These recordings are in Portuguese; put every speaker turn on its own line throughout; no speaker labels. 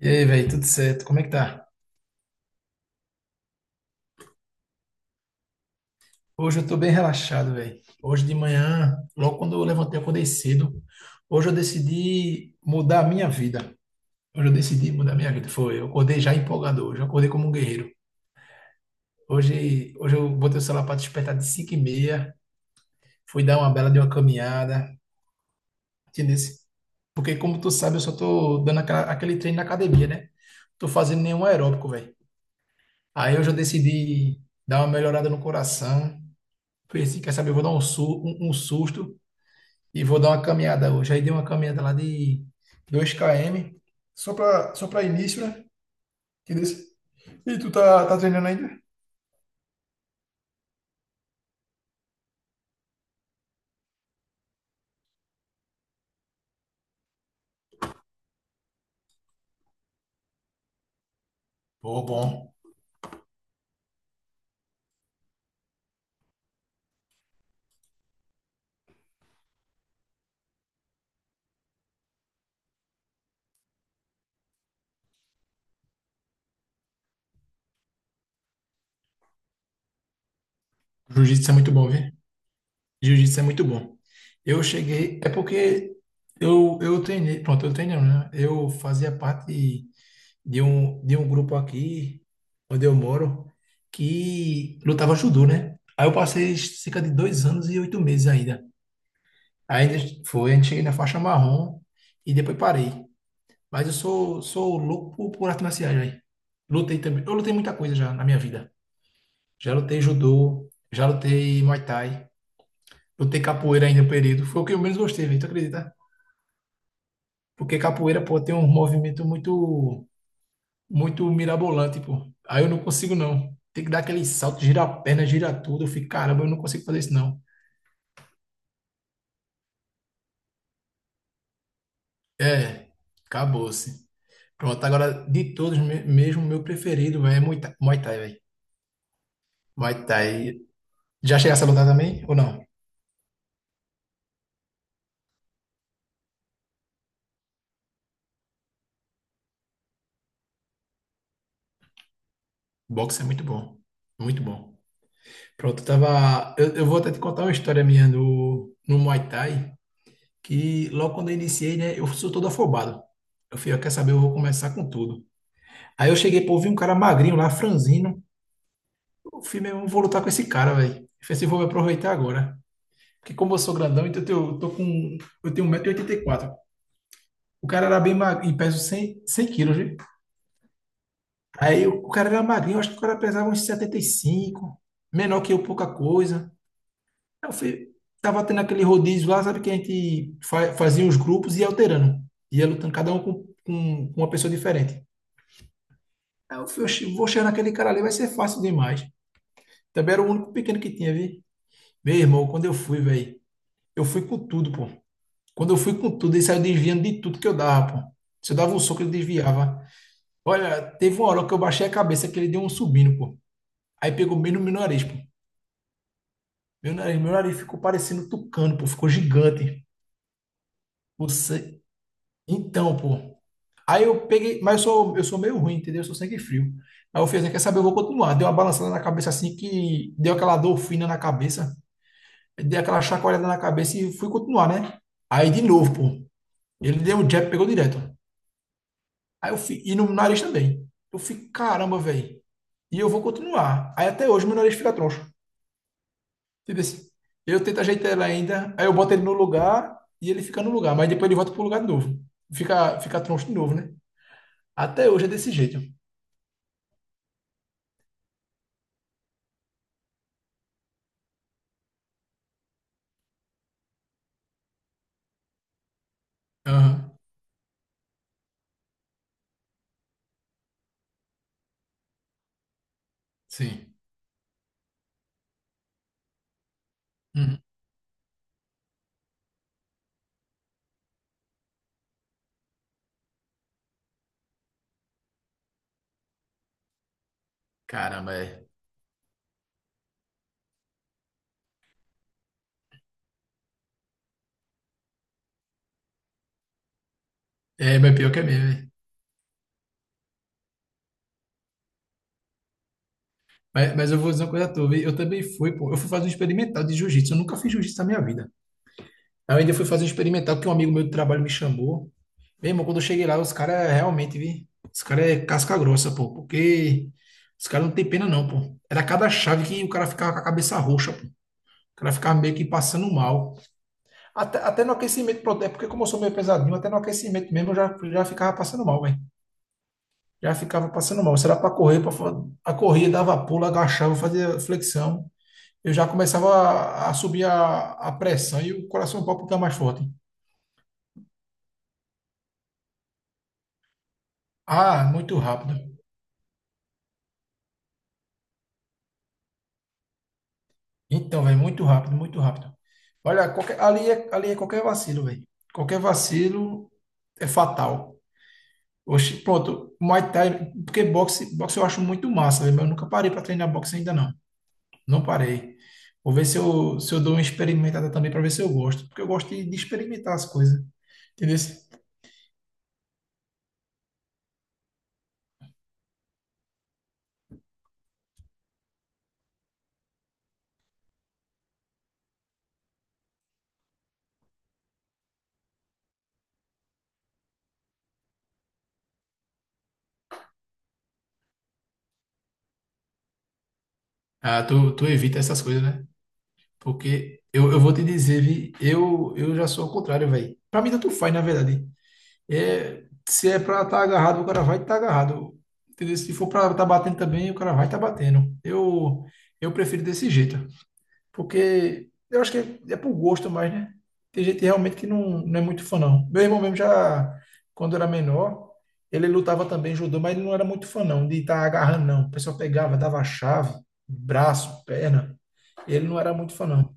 E aí, velho, tudo certo? Como é que tá? Hoje eu tô bem relaxado, velho. Hoje de manhã, logo quando eu levantei, eu acordei cedo. Hoje eu decidi mudar a minha vida. Hoje eu decidi mudar a minha vida. Foi, eu acordei já empolgado hoje. Eu acordei como um guerreiro. Hoje eu botei o celular para despertar de 5h30. Fui dar uma bela de uma caminhada. Entendeu? Porque, como tu sabe, eu só tô dando aquele treino na academia, né? Tô fazendo nenhum aeróbico, velho. Aí hoje eu decidi dar uma melhorada no coração. Falei assim, quer saber, eu vou dar um, um susto e vou dar uma caminhada hoje. Aí dei uma caminhada lá de 2 km, só para início, né? Que E tu tá treinando ainda? Pô, bom. Jiu-jitsu é muito bom, viu? Jiu-jitsu é muito bom. Eu cheguei, é porque eu treinei, pronto, eu treinei, né? Eu fazia parte de um grupo aqui, onde eu moro, que lutava judô, né? Aí eu passei cerca de 2 anos e 8 meses ainda. Ainda foi, a gente cheguei na faixa marrom e depois parei. Mas eu sou, sou louco por artes marciais, velho. Lutei também. Eu lutei muita coisa já na minha vida. Já lutei judô, já lutei muay thai, lutei capoeira ainda um período. Foi o que eu menos gostei, velho, tu acredita? Porque capoeira, pô, tem um movimento muito, muito mirabolante, pô. Aí eu não consigo, não. Tem que dar aquele salto, girar a perna, girar tudo. Eu fico, caramba, eu não consigo fazer isso, não. É, acabou-se. Pronto, agora de todos, mesmo meu preferido véi, é Muay Thai, Muay Thai, velho. Muay Thai. Já chegasse a lutar também ou não? Boxe é muito bom. Muito bom. Pronto, eu tava. Eu vou até te contar uma história minha no Muay Thai, que logo quando eu iniciei, né, eu sou todo afobado. Eu fui, ó, quer saber, eu vou começar com tudo. Aí eu cheguei, pô, vi um cara magrinho lá, franzino. Eu fui meu, eu vou lutar com esse cara, velho. Eu falei assim, vou me aproveitar agora. Porque como eu sou grandão, então eu, eu tô com. Eu tenho 1,84 m. O cara era bem magrinho, e pesa 100, 100 quilos, viu? Aí o cara era magrinho, eu acho que o cara pesava uns 75, menor que eu, pouca coisa. Aí eu fui, tava tendo aquele rodízio lá, sabe, que a gente fazia os grupos e ia alterando. Ia lutando, cada um com, com uma pessoa diferente. Aí eu fui: "Oxi, vou chegar naquele cara ali, vai ser fácil demais." Também era o único pequeno que tinha, viu? Meu irmão, quando eu fui, velho, eu fui com tudo, pô. Quando eu fui com tudo, ele saiu desviando de tudo que eu dava, pô. Se eu dava um soco, ele desviava. Olha, teve uma hora que eu baixei a cabeça que ele deu um subindo, pô. Aí pegou bem no meu nariz, pô. Meu nariz ficou parecendo tucano, pô. Ficou gigante. Você... Então, pô. Aí eu peguei, mas eu sou meio ruim, entendeu? Eu sou sangue frio. Aí eu fiz, assim, quer saber? Eu vou continuar. Deu uma balançada na cabeça assim que deu aquela dor fina na cabeça. Dei aquela chacoalhada na cabeça e fui continuar, né? Aí de novo, pô. Ele deu um jab, pegou direto. Aí eu fui, e no nariz também. Eu fiquei, caramba, velho. E eu vou continuar. Aí até hoje meu nariz fica troncho. Tipo assim, eu tento ajeitar ele ainda, aí eu boto ele no lugar e ele fica no lugar, mas depois ele volta pro lugar de novo. Fica troncho de novo, né? Até hoje é desse jeito. Aham, sim. Uhum. Caramba, é. É, mas pior que é mesmo, é. Mas eu vou dizer uma coisa a tu, viu? Eu também fui, pô. Eu fui fazer um experimental de jiu-jitsu. Eu nunca fiz jiu-jitsu na minha vida. Aí eu ainda fui fazer um experimental que um amigo meu do trabalho me chamou. Meu irmão, quando eu cheguei lá, os caras realmente, vi? Os caras é casca grossa, pô. Porque os caras não tem pena, não, pô. Era cada chave que o cara ficava com a cabeça roxa, pô. O cara ficava meio que passando mal. Até no aquecimento, pronto, é porque como eu sou meio pesadinho, até no aquecimento mesmo eu já ficava passando mal, velho. Já ficava passando mal. Será para correr, a corrida dava pulo, agachava, fazia flexão. Eu já começava a subir a pressão e o coração palpitar mais forte. Ah, muito rápido. Então, velho, muito rápido, muito rápido. Olha, ali é qualquer vacilo, velho. Qualquer vacilo é fatal. Oxi, pronto, Muay Thai, porque boxe eu acho muito massa, né? Mas eu nunca parei para treinar boxe ainda não. Não parei. Vou ver se eu dou uma experimentada também para ver se eu gosto, porque eu gosto de experimentar as coisas. Entendeu? Ah, tu evita essas coisas, né? Porque eu vou te dizer, vi, eu já sou ao contrário, velho. Para mim tanto faz, na verdade. É, se é para estar agarrado, o cara vai estar tá agarrado. Entendeu? Se for para estar batendo também, o cara vai estar batendo. Eu prefiro desse jeito. Porque eu acho que é, é por gosto mais, né? Tem gente realmente que não, não é muito fã, não. Meu irmão mesmo já, quando era menor, ele lutava também judô, mas ele não era muito fã, não, de estar agarrando, não. O pessoal pegava, dava chave, braço, perna. Ele não era muito fã, não.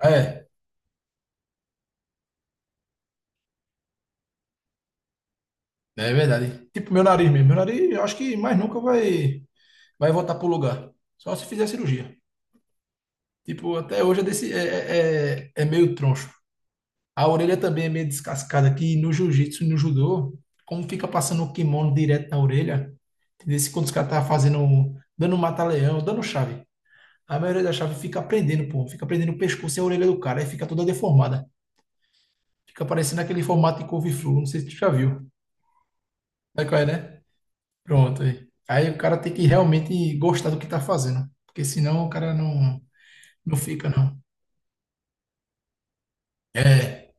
É, é verdade. Tipo meu nariz mesmo. Meu nariz, eu acho que mais nunca vai voltar pro lugar. Só se fizer cirurgia. Tipo, até hoje é, desse, é, é, é é meio troncho. A orelha também é meio descascada aqui. E no jiu-jitsu e no judô, como fica passando o kimono direto na orelha, entendeu? Se quando os caras tá fazendo, dando um mata-leão, dando chave, a maioria da chave fica prendendo, pô, fica prendendo o pescoço e a orelha do cara, aí fica toda deformada. Fica parecendo aquele formato de couve-flor, não sei se tu já viu. Sabe qual é, né? Pronto, aí. Aí o cara tem que realmente gostar do que tá fazendo, porque senão o cara não, não fica, não. É.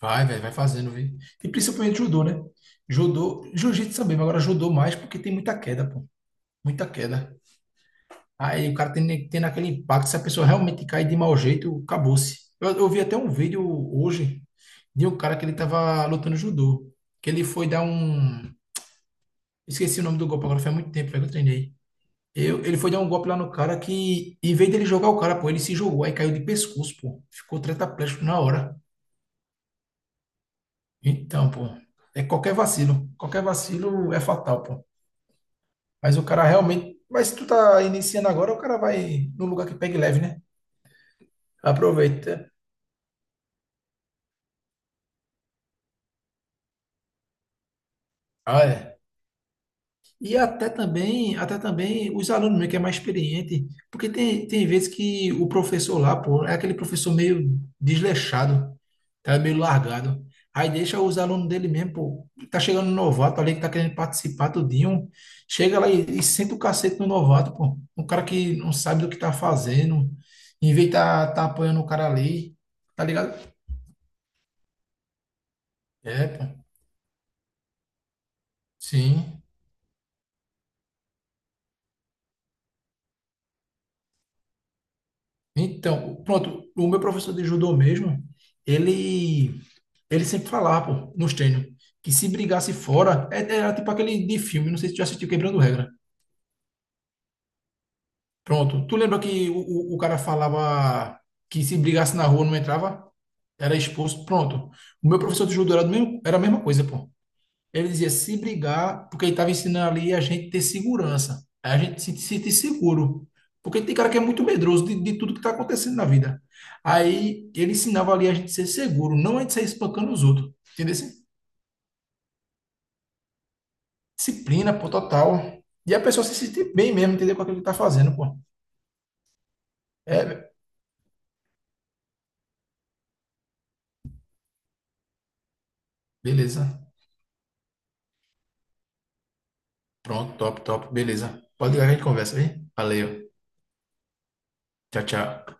Vai, velho, vai fazendo, viu? E principalmente judô, né? Judô, jiu-jitsu também, mas agora judô mais porque tem muita queda, pô. Muita queda. Aí o cara tem aquele impacto, se a pessoa realmente cai de mau jeito, acabou-se. Eu vi até um vídeo hoje de um cara que ele tava lutando judô, que ele foi dar um... Esqueci o nome do golpe agora, faz muito tempo, velho, que eu treinei. Ele foi dar um golpe lá no cara que, em vez dele jogar o cara, pô, ele se jogou, aí caiu de pescoço, pô. Ficou tetraplégico na hora. Então, pô, é qualquer vacilo. Qualquer vacilo é fatal, pô. Mas o cara realmente. Mas se tu tá iniciando agora, o cara vai num lugar que pegue leve, né? Aproveita. Ah, é. E até também os alunos mesmo, que é mais experiente, porque tem vezes que o professor lá, pô, é aquele professor meio desleixado, tá meio largado. Aí deixa os alunos dele mesmo, pô, tá chegando um novato ali que tá querendo participar tudinho, chega lá e senta o cacete no novato, pô. Um cara que não sabe do que tá fazendo, em vez de tá apoiando o cara ali, tá ligado? É, pô, sim. Então, pronto, o meu professor de judô mesmo, ele Ele sempre falava, pô, nos treinos, que se brigasse fora, era tipo aquele de filme, não sei se tu já assistiu Quebrando Regra. Pronto. Tu lembra que o cara falava que se brigasse na rua não entrava? Era expulso. Pronto. O meu professor de judô era, do mesmo, era a mesma coisa, pô. Ele dizia se brigar, porque ele estava ensinando ali a gente ter segurança. A gente se sentir seguro. Porque tem cara que é muito medroso de tudo que está acontecendo na vida. Aí ele ensinava ali a gente ser seguro, não a gente sair espancando os outros. Entendeu? Assim? Disciplina, pô, total. E a pessoa se sentir bem mesmo, entender com aquilo que tá fazendo, pô. É, beleza. Pronto, top, top, beleza. Pode ligar que a gente conversa aí. Valeu. Tchau, tchau.